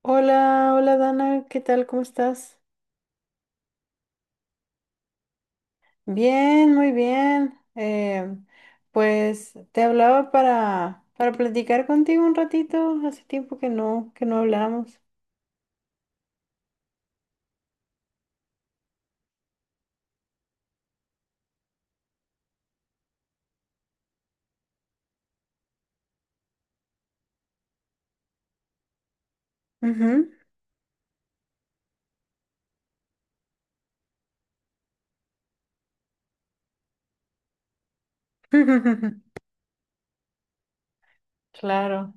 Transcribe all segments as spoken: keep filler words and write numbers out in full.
Hola, hola Dana, ¿qué tal? ¿Cómo estás? Bien, muy bien. Eh, pues te hablaba para, para platicar contigo un ratito. Hace tiempo que no, que no hablamos. Ujú. Claro.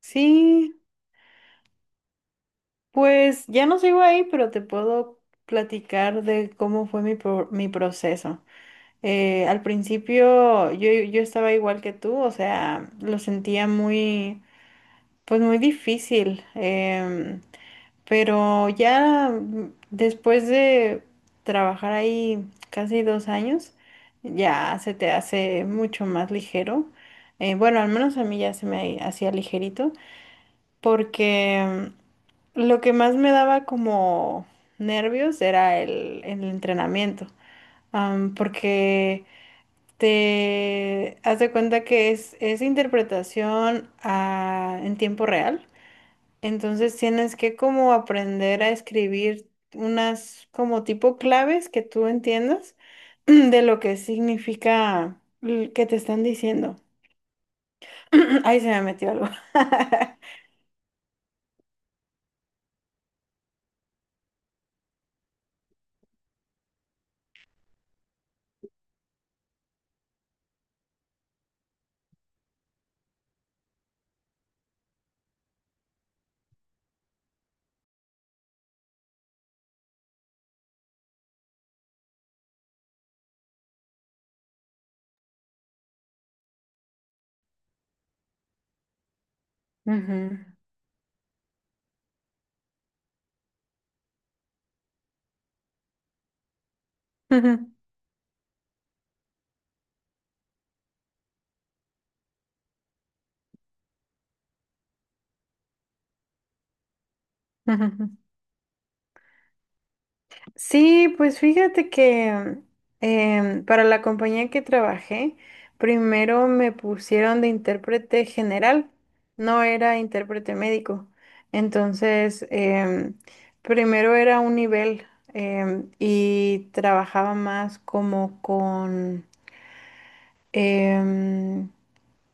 Sí, pues ya no sigo ahí, pero te puedo platicar de cómo fue mi, pro- mi proceso. Eh, al principio yo, yo estaba igual que tú, o sea, lo sentía muy, pues muy difícil. Em, Pero ya mm, después de trabajar ahí casi dos años, ya se te hace mucho más ligero. Eh, bueno, al menos a mí ya se me hacía ligerito, porque mm, lo que más me daba como nervios era el, el entrenamiento, am, porque te has de cuenta que es, es interpretación a- en tiempo real. Entonces tienes que como aprender a escribir unas como tipo claves que tú entiendas de lo que significa l- que te están diciendo. Ahí se me metió algo. Ujú. Sí, pues fíjate que em, para la compañía que trabajé, primero me pusieron de intérprete general, no era intérprete médico. Entonces, em, primero era un nivel em, y trabajaba más como con, em,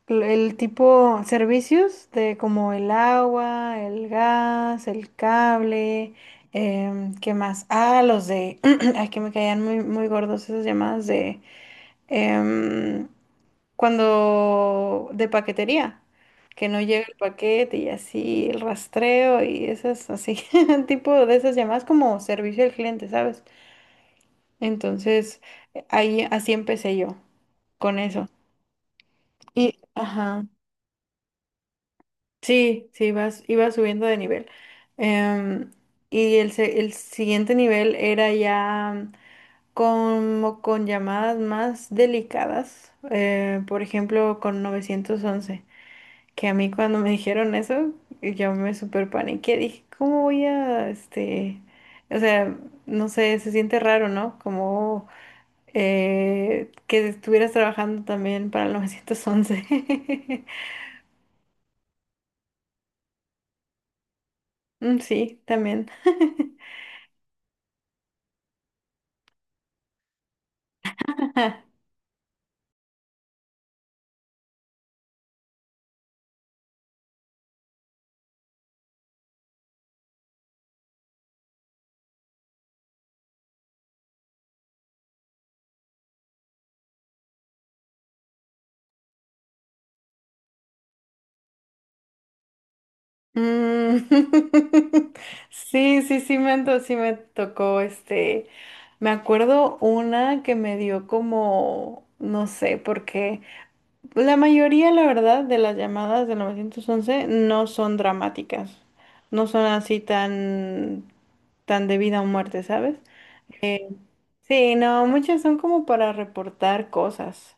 el tipo servicios de como el agua, el gas, el cable, em, ¿qué más? Ah, los de, ay, que me caían muy, muy gordos esas llamadas de em, cuando de paquetería, que no llega el paquete y así el rastreo y esas así, tipo de esas llamadas como servicio al cliente, ¿sabes? Entonces, ahí así empecé yo con eso. Y, ajá. Sí, sí, vas, iba subiendo de nivel. Em, y el, se- el siguiente nivel era ya como con llamadas más delicadas, eh, por ejemplo, con novecientos once que a mí cuando me dijeron eso, yo me super paniqué, dije, ¿cómo voy a, este, o sea, no sé, se siente raro, ¿no? Como eh, que estuvieras trabajando también para el nueve once. Mm, sí, también. Mm, Sí, sí, sí me, to- sí me tocó este. Me acuerdo una que me dio como, no sé, porque la mayoría, la verdad, de las llamadas del nueve once no son dramáticas, no son así tan, tan de vida o muerte, ¿sabes? Sí, no, muchas son como para reportar cosas.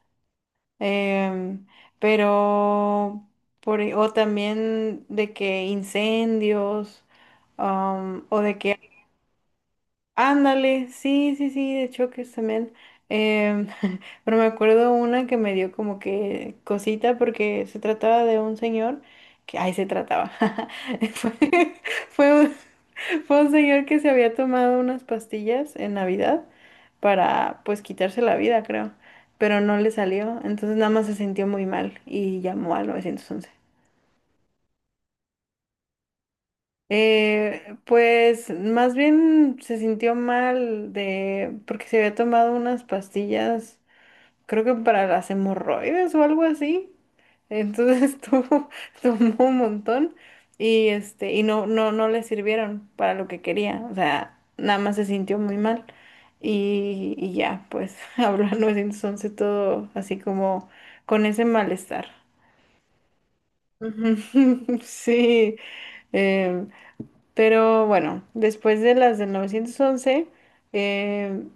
Em, pero, por, e- o también de que incendios, am, o de que, ándale, sí, sí, sí, de choques también. Em, pero me acuerdo una que me dio como que cosita porque se trataba de un señor que, ay, se trataba. Fue, fue un- fue un señor que se había tomado unas pastillas en Navidad para pues quitarse la vida, creo, pero no le salió, entonces nada más se sintió muy mal y llamó al nueve once. Eh, pues más bien se sintió mal de porque se había tomado unas pastillas creo que para las hemorroides o algo así. Entonces tuvo, tomó un montón y este, y no, no, no le sirvieron para lo que quería. O sea, nada más se sintió muy mal. Y, y ya, pues habló al nueve once todo así como con ese malestar. Ujú, sí, em, pero bueno, después de las del nueve once, em,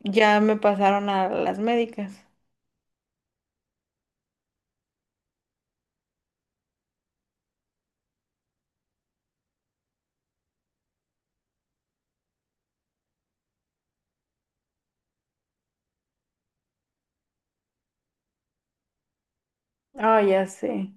ya me pasaron a las médicas. Ah, ya sé.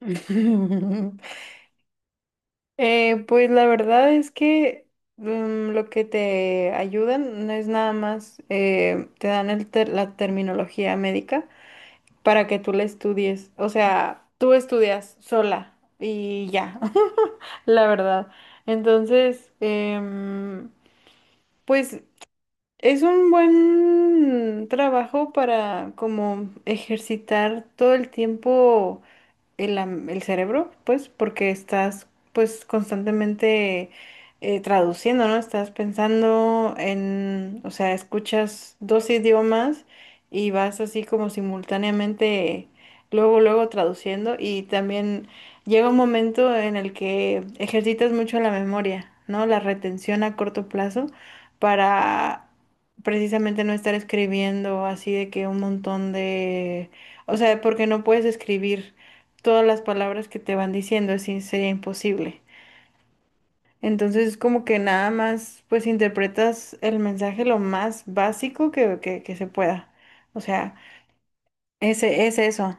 Eh, pues la verdad es que mm, lo que te ayudan no es nada más, eh, te dan el ter- la terminología médica para que tú la estudies. O sea, tú estudias sola y ya, la verdad. Entonces, em, pues es un buen trabajo para como ejercitar todo el tiempo el, am- el cerebro, pues, porque estás, pues, constantemente eh, traduciendo, ¿no? Estás pensando en, o sea, escuchas dos idiomas y vas así como simultáneamente, luego, luego traduciendo y también llega un momento en el que ejercitas mucho la memoria, ¿no? La retención a corto plazo para precisamente no estar escribiendo así de que un montón de, o sea, porque no puedes escribir todas las palabras que te van diciendo, así sería imposible. Entonces es como que nada más pues interpretas el mensaje lo más básico que, que, que se pueda. O sea, ese es eso.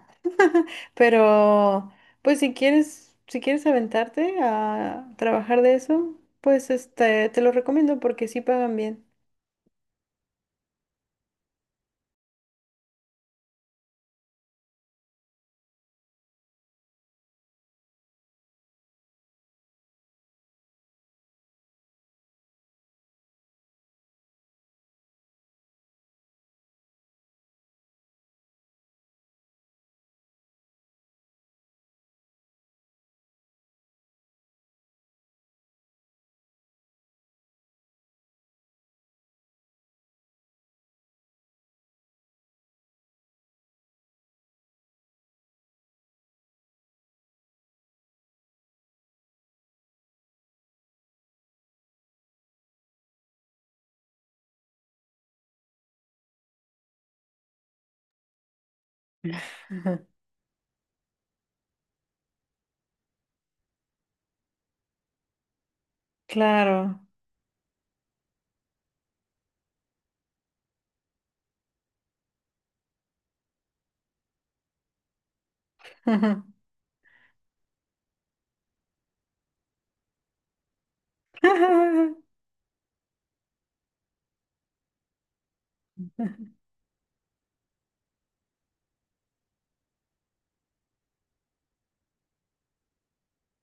Pero pues si quieres, si quieres aventarte a trabajar de eso, pues este te lo recomiendo porque sí pagan bien. Claro.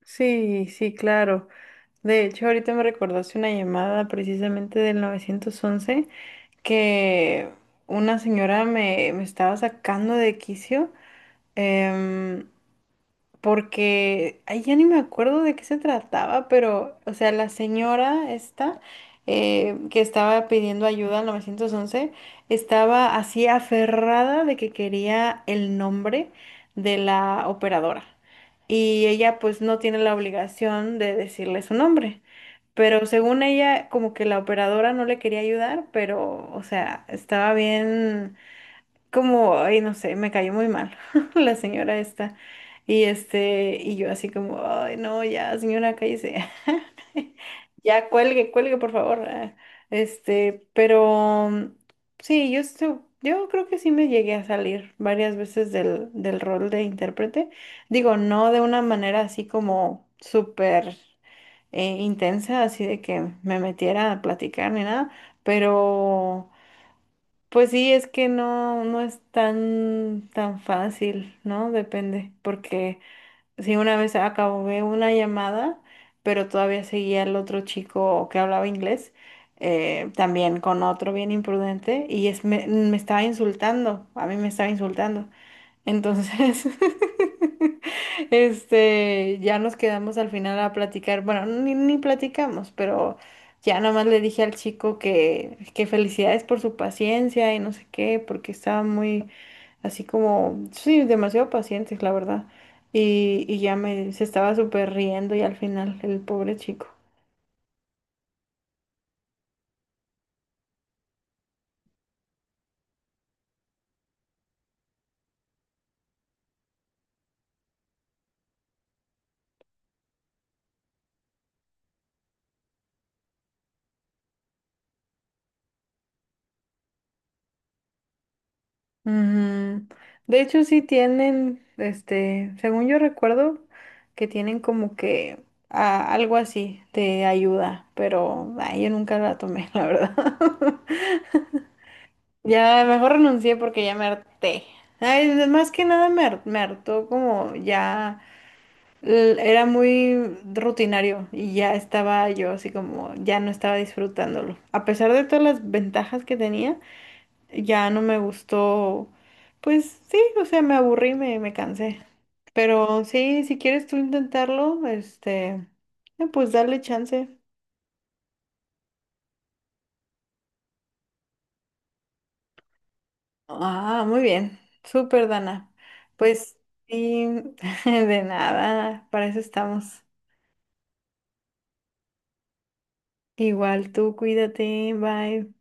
Sí, sí, claro. De hecho, ahorita me recordaste una llamada precisamente del nueve once que una señora me, me estaba sacando de quicio, em, porque ay, ya ni me acuerdo de qué se trataba, pero, o sea, la señora esta eh, que estaba pidiendo ayuda al nueve once estaba así aferrada de que quería el nombre de la operadora. Y ella pues no tiene la obligación de decirle su nombre. Pero según ella, como que la operadora no le quería ayudar, pero, o sea, estaba bien, como, ay, no sé, me cayó muy mal la señora esta. Y este, y yo así como, ay, no, ya, señora, cállese. Ya, cuelgue, cuelgue, por favor. Ah, este, pero mm, sí, yo, estu- yo creo que sí me llegué a salir varias veces del, del rol de intérprete. Digo, no de una manera así como súper eh, intensa, así de que me metiera a platicar ni nada, pero pues sí, es que no, no es tan, tan fácil, ¿no? Depende, porque Sí, una vez acabé una llamada, pero todavía seguía el otro chico que hablaba inglés, eh, también con otro bien imprudente, y es, me, me estaba insultando, a mí me estaba insultando. Entonces, este, ya nos quedamos al final a platicar, bueno, ni, ni platicamos, pero ya nomás le dije al chico que, que felicidades por su paciencia y no sé qué, porque estaba muy así como, sí, demasiado pacientes, la verdad. Y, y ya me, se estaba súper riendo y al final, el pobre chico. Ujú. De hecho, sí tienen, este, según yo recuerdo, que tienen como que ah, algo así de ayuda, pero ay, yo nunca la tomé, la verdad. Ya mejor renuncié porque ya me harté. Ay, más que nada me, har- me hartó como ya. L- Era muy rutinario y ya estaba yo así como, ya no estaba disfrutándolo. A pesar de todas las ventajas que tenía, ya no me gustó, pues sí, o sea, me aburrí, me, me cansé. Pero sí, si quieres tú intentarlo, este, eh, pues dale chance. Ah, muy bien, súper Dana. Pues sí, de nada, para eso estamos. Igual tú, cuídate, bye.